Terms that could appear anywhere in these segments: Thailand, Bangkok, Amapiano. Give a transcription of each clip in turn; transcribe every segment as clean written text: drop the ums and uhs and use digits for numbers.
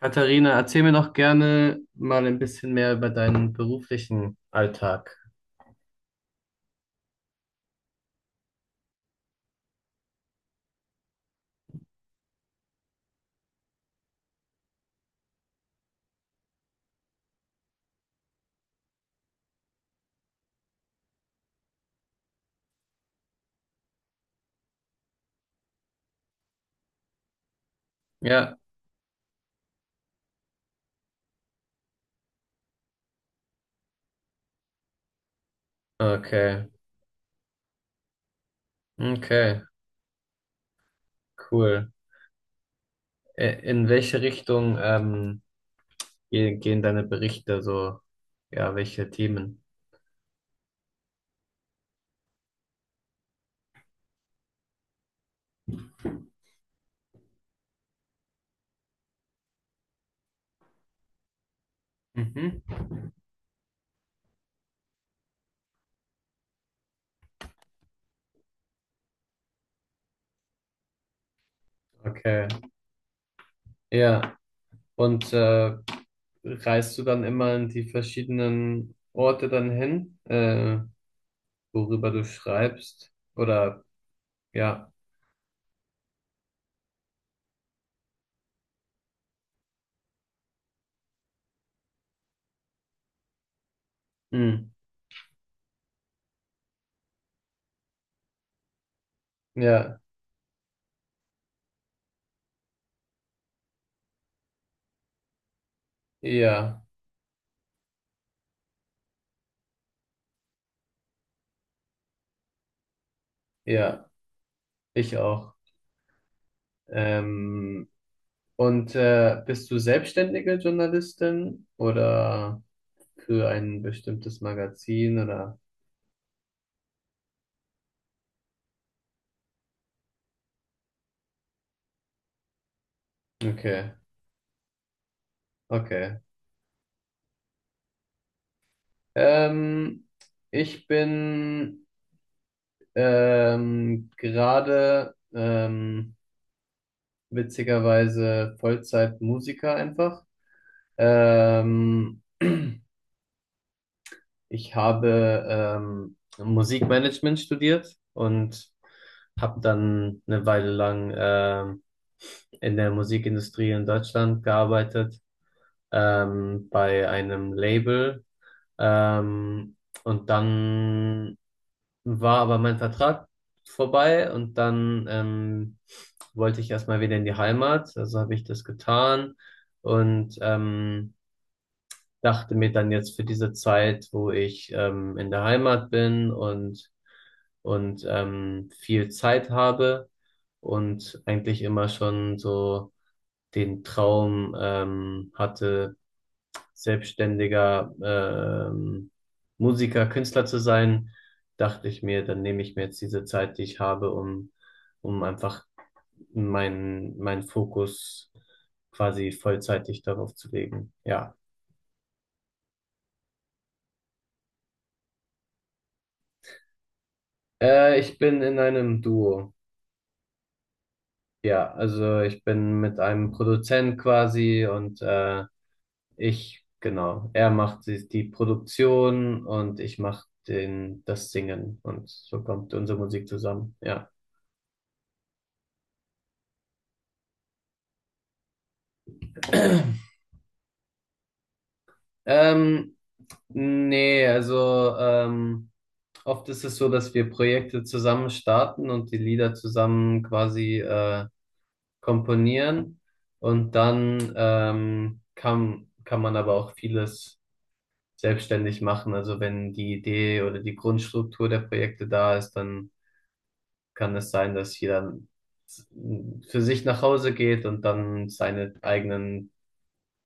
Katharina, erzähl mir doch gerne mal ein bisschen mehr über deinen beruflichen Alltag. Ja, okay, okay, cool. In welche Richtung gehen deine Berichte so? Ja, welche Themen? Mhm. Okay, ja. Und reist du dann immer in die verschiedenen Orte dann hin, worüber du schreibst? Oder ja, hm. Ja, ja, ja, ich auch. Ähm, und bist du selbstständige Journalistin oder für ein bestimmtes Magazin oder? Okay, okay. Ähm, Ich bin gerade witzigerweise Vollzeit-Musiker einfach. Ähm, Ich habe Musikmanagement studiert und habe dann eine Weile lang in der Musikindustrie in Deutschland gearbeitet, bei einem Label. Ähm, und dann war aber mein Vertrag vorbei und dann wollte ich erstmal wieder in die Heimat. Also habe ich das getan und dachte mir dann jetzt für diese Zeit, wo ich in der Heimat bin und viel Zeit habe und eigentlich immer schon so den Traum hatte, selbstständiger Musiker, Künstler zu sein, dachte ich mir, dann nehme ich mir jetzt diese Zeit, die ich habe, um, um einfach meinen Fokus quasi vollzeitig darauf zu legen. Ja. Ich bin in einem Duo. Ja, also ich bin mit einem Produzent quasi und ich, genau, er macht die Produktion und ich mache den, das Singen und so kommt unsere Musik zusammen, ja. Ähm, Nee, also oft ist es so, dass wir Projekte zusammen starten und die Lieder zusammen quasi komponieren und dann kann man aber auch vieles selbstständig machen. Also wenn die Idee oder die Grundstruktur der Projekte da ist, dann kann es sein, dass jeder s- für sich nach Hause geht und dann seine eigenen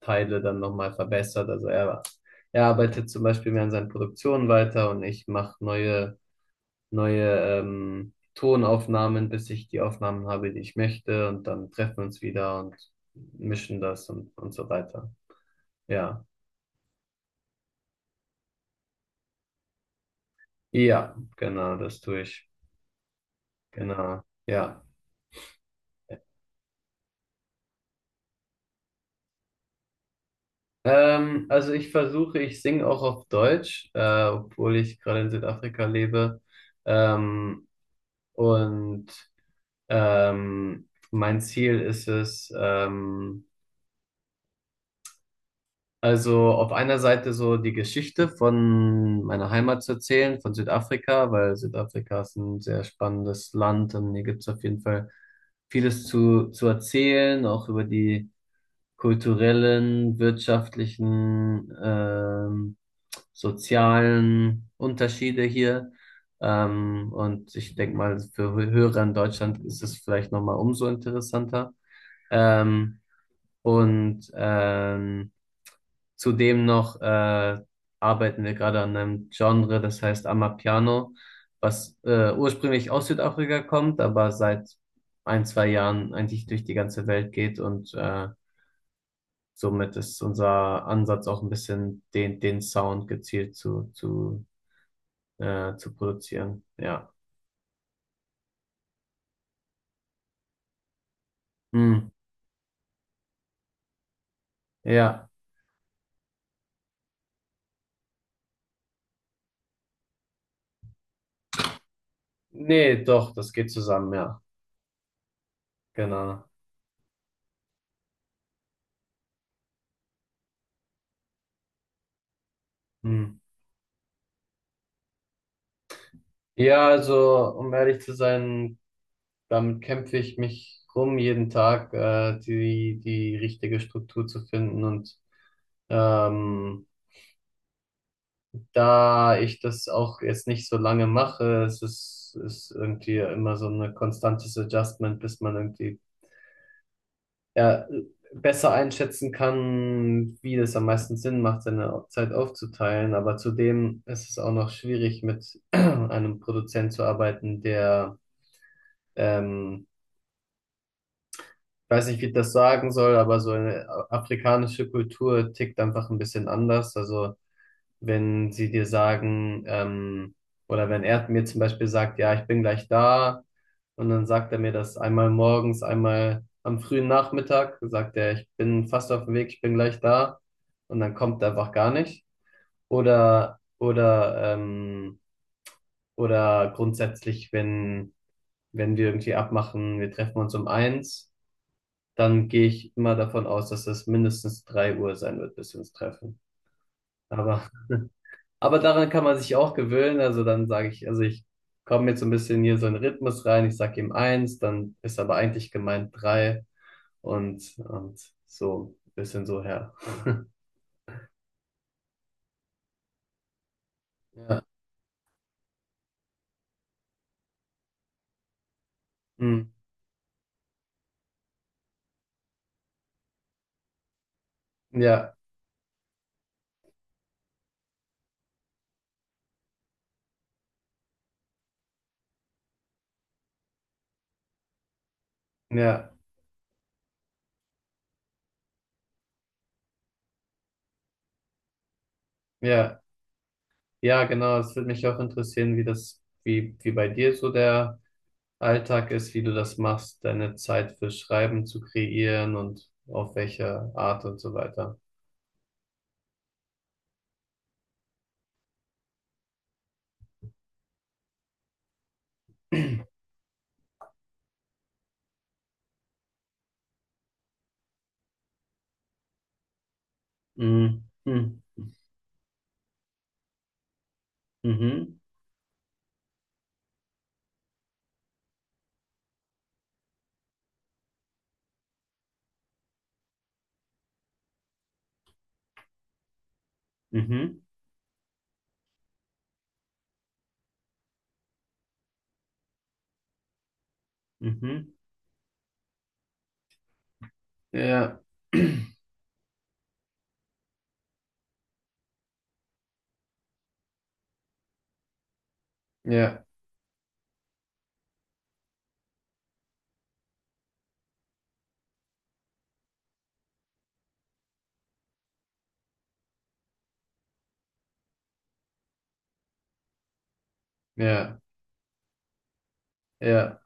Teile dann nochmal verbessert. Also er arbeitet zum Beispiel mehr an seinen Produktionen weiter und ich mache neue Tonaufnahmen, bis ich die Aufnahmen habe, die ich möchte. Und dann treffen wir uns wieder und mischen das und so weiter. Ja. Ja, genau, das tue ich. Genau. Ja. Also ich versuche, ich singe auch auf Deutsch, obwohl ich gerade in Südafrika lebe. Ähm, und mein Ziel ist es, also auf einer Seite so die Geschichte von meiner Heimat zu erzählen, von Südafrika, weil Südafrika ist ein sehr spannendes Land und hier gibt es auf jeden Fall vieles zu erzählen, auch über die kulturellen, wirtschaftlichen, sozialen Unterschiede hier. Und ich denke mal, für Hörer in Deutschland ist es vielleicht nochmal umso interessanter. Ähm, und zudem noch arbeiten wir gerade an einem Genre, das heißt Amapiano, was ursprünglich aus Südafrika kommt, aber seit ein, zwei Jahren eigentlich durch die ganze Welt geht und somit ist unser Ansatz auch ein bisschen den Sound gezielt zu produzieren. Ja. Hm. Ja. Nee, doch, das geht zusammen, ja. Genau. Hm. Ja, also, um ehrlich zu sein, damit kämpfe ich mich rum jeden Tag, die richtige Struktur zu finden. Und ähm, da ich das auch jetzt nicht so lange mache, es ist irgendwie immer so ein konstantes Adjustment, bis man irgendwie er besser einschätzen kann, wie das am meisten Sinn macht, seine Zeit aufzuteilen. Aber zudem ist es auch noch schwierig, mit einem Produzent zu arbeiten, ähm, weiß nicht, wie ich das sagen soll, aber so eine afrikanische Kultur tickt einfach ein bisschen anders. Also wenn sie dir sagen, oder wenn er mir zum Beispiel sagt, ja, ich bin gleich da, und dann sagt er mir das einmal morgens, einmal am frühen Nachmittag, sagt er, ich bin fast auf dem Weg, ich bin gleich da, und dann kommt er einfach gar nicht. Oder, oder, ähm, oder grundsätzlich, wenn wir irgendwie abmachen, wir treffen uns um eins, dann gehe ich immer davon aus, dass es mindestens drei Uhr sein wird, bis wir uns treffen. Aber aber daran kann man sich auch gewöhnen. Also dann sage ich, also ich komme jetzt so ein bisschen hier so in den Rhythmus rein. Ich sage ihm eins, dann ist aber eigentlich gemeint drei und so ein bisschen so her. Ja, hm. Ja, ja, ja, ja, genau. Es würde mich auch interessieren, wie wie bei dir so der Alltag ist, wie du das machst, deine Zeit für Schreiben zu kreieren und auf welche Art und so weiter. Mhm. Mhm. Mhm. Mhm. Mhm. Ja, ja, ja, ja,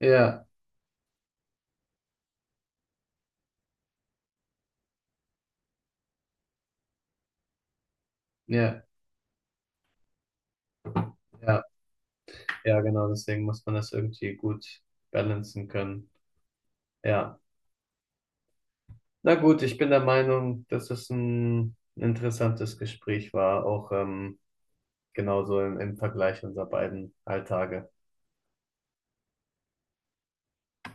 ja, ja, ja, ja, genau, deswegen muss man das irgendwie gut balancen können. Ja, na gut, ich bin der Meinung, dass es ein interessantes Gespräch war, auch genauso im Vergleich unserer beiden Alltage.